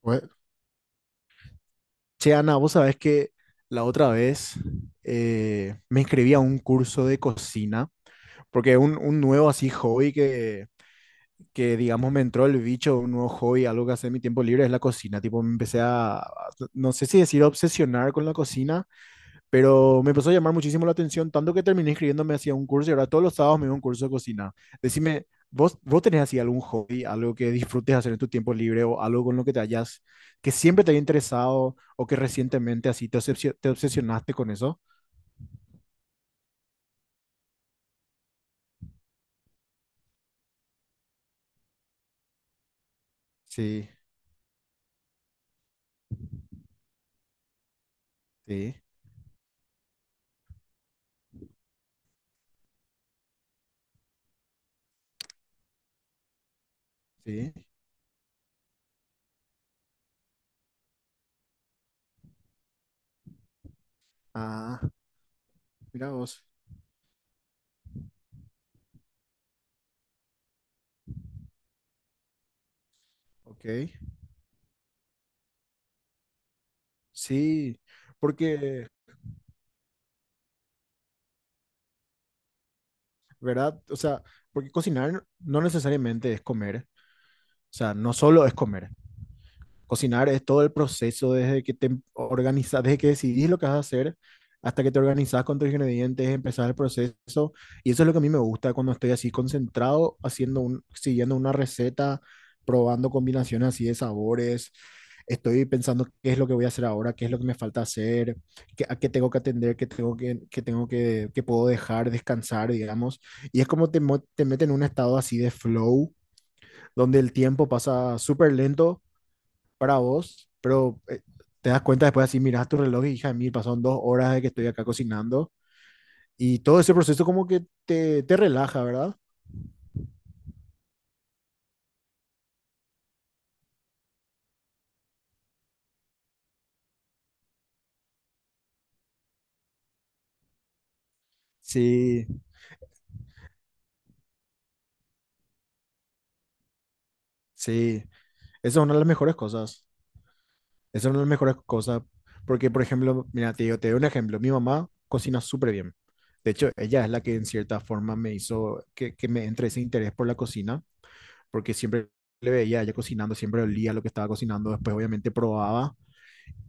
Pues, che, Ana, vos sabés que la otra vez me inscribí a un curso de cocina, porque un nuevo así hobby que digamos, me entró el bicho, un nuevo hobby, algo que hace en mi tiempo libre es la cocina. Tipo, me empecé no sé si decir obsesionar con la cocina, pero me empezó a llamar muchísimo la atención, tanto que terminé inscribiéndome hacia un curso y ahora todos los sábados me voy a un curso de cocina. Decime, vos tenés así algún hobby, algo que disfrutes hacer en tu tiempo libre o algo con lo que te hayas, que siempre te haya interesado o que recientemente así te obsesionaste con eso? Sí, sí, sí. Ah, mira vos. Ok. Sí, porque, ¿verdad? O sea, porque cocinar no necesariamente es comer. O sea, no solo es comer. Cocinar es todo el proceso desde que te organizas, desde que decidís lo que vas a hacer hasta que te organizas con tus ingredientes, empezás el proceso. Y eso es lo que a mí me gusta cuando estoy así concentrado, siguiendo una receta, probando combinaciones así de sabores. Estoy pensando qué es lo que voy a hacer ahora, qué es lo que me falta hacer, a qué tengo que atender, qué puedo dejar descansar, digamos. Y es como te mete en un estado así de flow, donde el tiempo pasa súper lento para vos, pero te das cuenta después así, miras tu reloj y hija de mí, pasaron 2 horas de que estoy acá cocinando y todo ese proceso como que te relaja, ¿verdad? Sí, sí, esa es una de las mejores cosas, esa es una de las mejores cosas, porque por ejemplo, mira, te digo, te doy un ejemplo, mi mamá cocina súper bien. De hecho, ella es la que en cierta forma me hizo que me entre ese interés por la cocina, porque siempre le veía a ella cocinando, siempre olía lo que estaba cocinando, después obviamente probaba.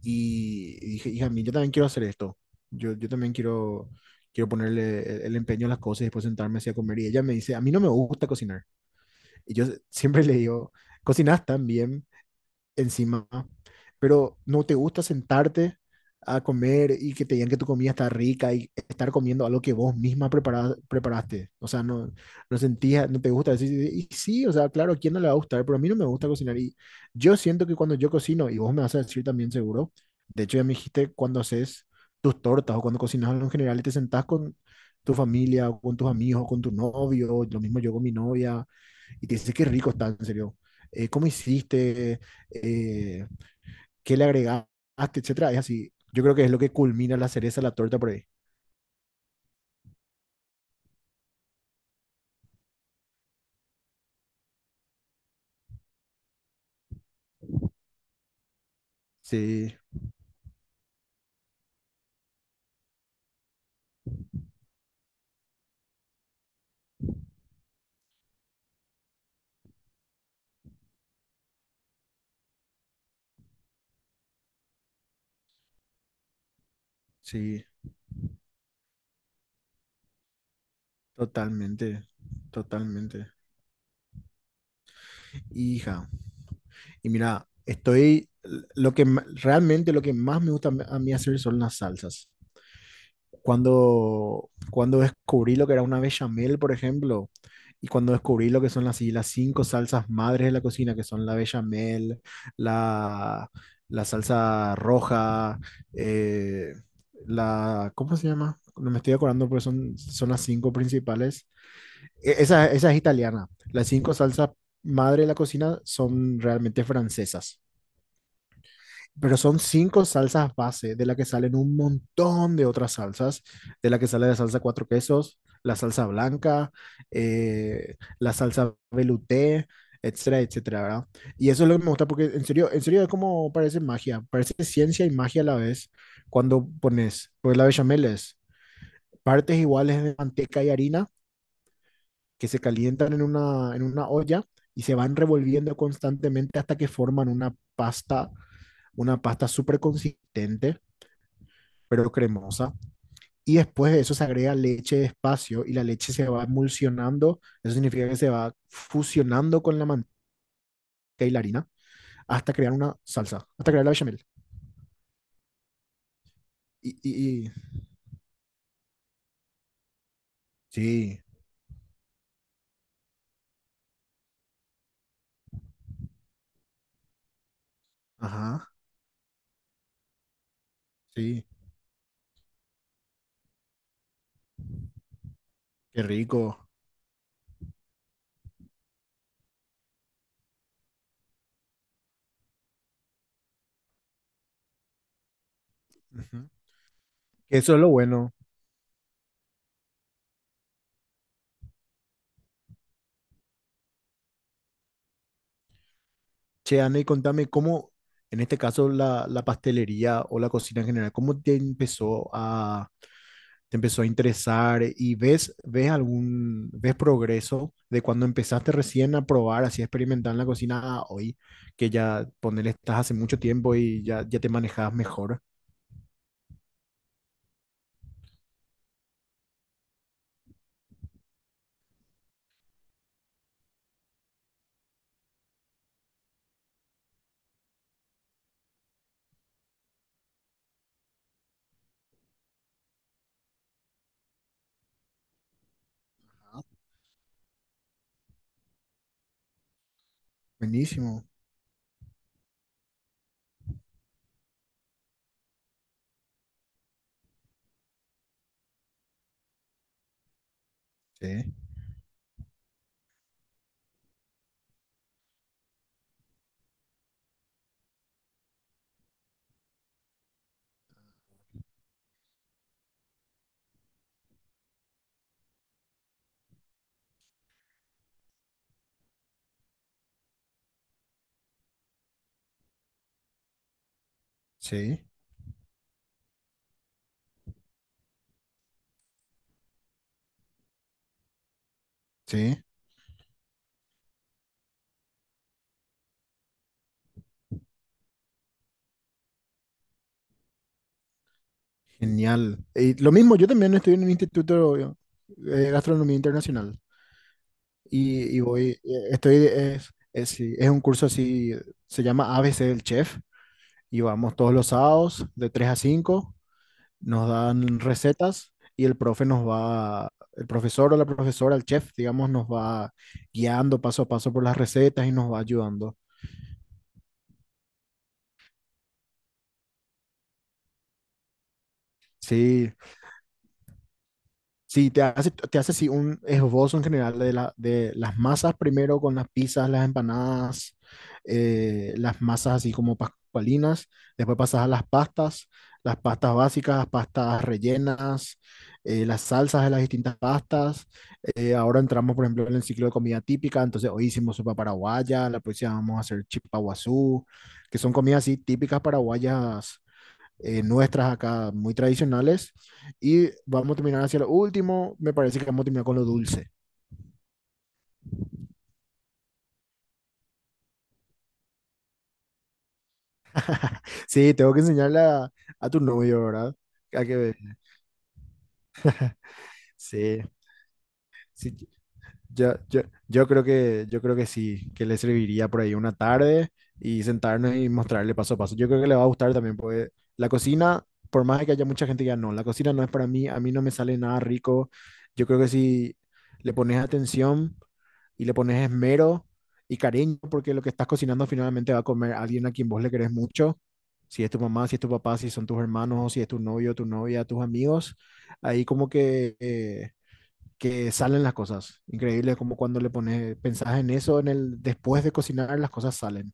Y dije, hija mía, yo también quiero hacer esto. Yo también quiero, quiero ponerle el empeño a las cosas y después sentarme así a comer. Y ella me dice, a mí no me gusta cocinar. Y yo siempre le digo, cocinas tan bien, encima, pero no te gusta sentarte a comer y que te digan que tu comida está rica y estar comiendo algo que vos misma preparaste. O sea, no, no sentías, no te gusta decir, y sí, o sea, claro, ¿a quién no le va a gustar? Pero a mí no me gusta cocinar y yo siento que cuando yo cocino, y vos me vas a decir también seguro, de hecho ya me dijiste cuando haces tus tortas o cuando cocinas algo en general y te sentás con tu familia o con tus amigos o con tu novio, lo mismo yo con mi novia, y te dice, qué rico está, en serio. ¿Cómo hiciste? eh, ¿Qué le agregaste? Etcétera. Es así. Yo creo que es lo que culmina la cereza, la torta por ahí. Sí, sí, totalmente, totalmente. Hija, y mira, estoy, realmente lo que más me gusta a mí hacer son las salsas. Cuando descubrí lo que era una bechamel, por ejemplo, y cuando descubrí lo que son las cinco salsas madres de la cocina, que son la bechamel, la, la salsa roja, eh, ¿cómo se llama? No me estoy acordando, pero son las cinco principales. Esa es italiana. Las cinco salsas madre de la cocina son realmente francesas. Pero son cinco salsas base, de la que salen un montón de otras salsas, de la que sale la salsa cuatro quesos, la salsa blanca, la salsa velouté, etcétera, etcétera, ¿verdad? Y eso es lo que me gusta porque en serio es como parece magia, parece ciencia y magia a la vez cuando pones, pues la bechamel es partes iguales de manteca y harina que se calientan en una olla y se van revolviendo constantemente hasta que forman una pasta súper consistente pero cremosa. Y después de eso se agrega leche despacio y la leche se va emulsionando. Eso significa que se va fusionando con la manteca y la harina hasta crear una salsa, hasta crear la bechamel. Y, y, y- sí, ajá, sí, qué rico. Ujú. Eso es lo bueno. Che, Ana, y contame cómo, en este caso, la pastelería o la cocina en general, ¿cómo te empezó a interesar? ¿Y ves progreso de cuando empezaste recién a probar, así a experimentar en la cocina a hoy, que ya ponerle estás hace mucho tiempo y ya te manejabas mejor? Buenísimo. Sí, sí, sí. Genial. Y lo mismo, yo también estoy en un instituto de gastronomía internacional y voy, estoy, sí, es un curso así, se llama ABC del Chef y vamos todos los sábados de 3 a cinco, nos dan recetas y el profe nos va, el profesor o la profesora, el chef, digamos, nos va guiando paso a paso por las recetas y nos va ayudando. Sí, sí, te hace así un esbozo en general de las masas primero con las pizzas, las empanadas, las masas así como pascualinas, después pasas a las pastas básicas, las pastas rellenas, las salsas de las distintas pastas. Ahora entramos, por ejemplo, en el ciclo de comida típica, entonces hoy hicimos sopa paraguaya, la próxima vamos a hacer chipa guazú, que son comidas así típicas paraguayas, nuestras acá muy tradicionales, y vamos a terminar hacia lo último, me parece que vamos a terminar con lo dulce. Sí, tengo que enseñarle a tu novio, ¿verdad? Hay que ver. Sí, sí, yo, yo, yo creo que sí, que le serviría por ahí una tarde y sentarnos y mostrarle paso a paso. Yo creo que le va a gustar también, porque la cocina, por más de que haya mucha gente que ya no, la cocina no es para mí, a mí no me sale nada rico. Yo creo que si le pones atención y le pones esmero y cariño, porque lo que estás cocinando finalmente va a comer alguien a quien vos le querés mucho. Si es tu mamá, si es tu papá, si son tus hermanos, si es tu novio, tu novia, tus amigos, ahí como que salen las cosas. Increíble como cuando le pones, pensás en eso, en el después de cocinar, las cosas salen.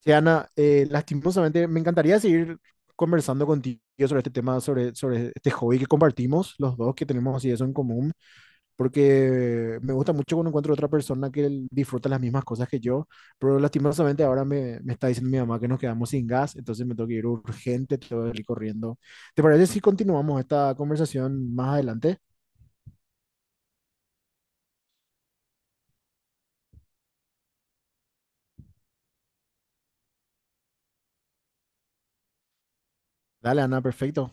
Sí, Ana, lastimosamente me encantaría seguir conversando contigo sobre este tema, sobre este hobby que compartimos los dos, que tenemos así eso en común, porque me gusta mucho cuando encuentro otra persona que disfruta las mismas cosas que yo, pero lastimosamente ahora me está diciendo mi mamá que nos quedamos sin gas, entonces me tengo que ir urgente, tengo que ir corriendo. ¿Te parece si continuamos esta conversación más adelante? Dale, Ana, perfecto.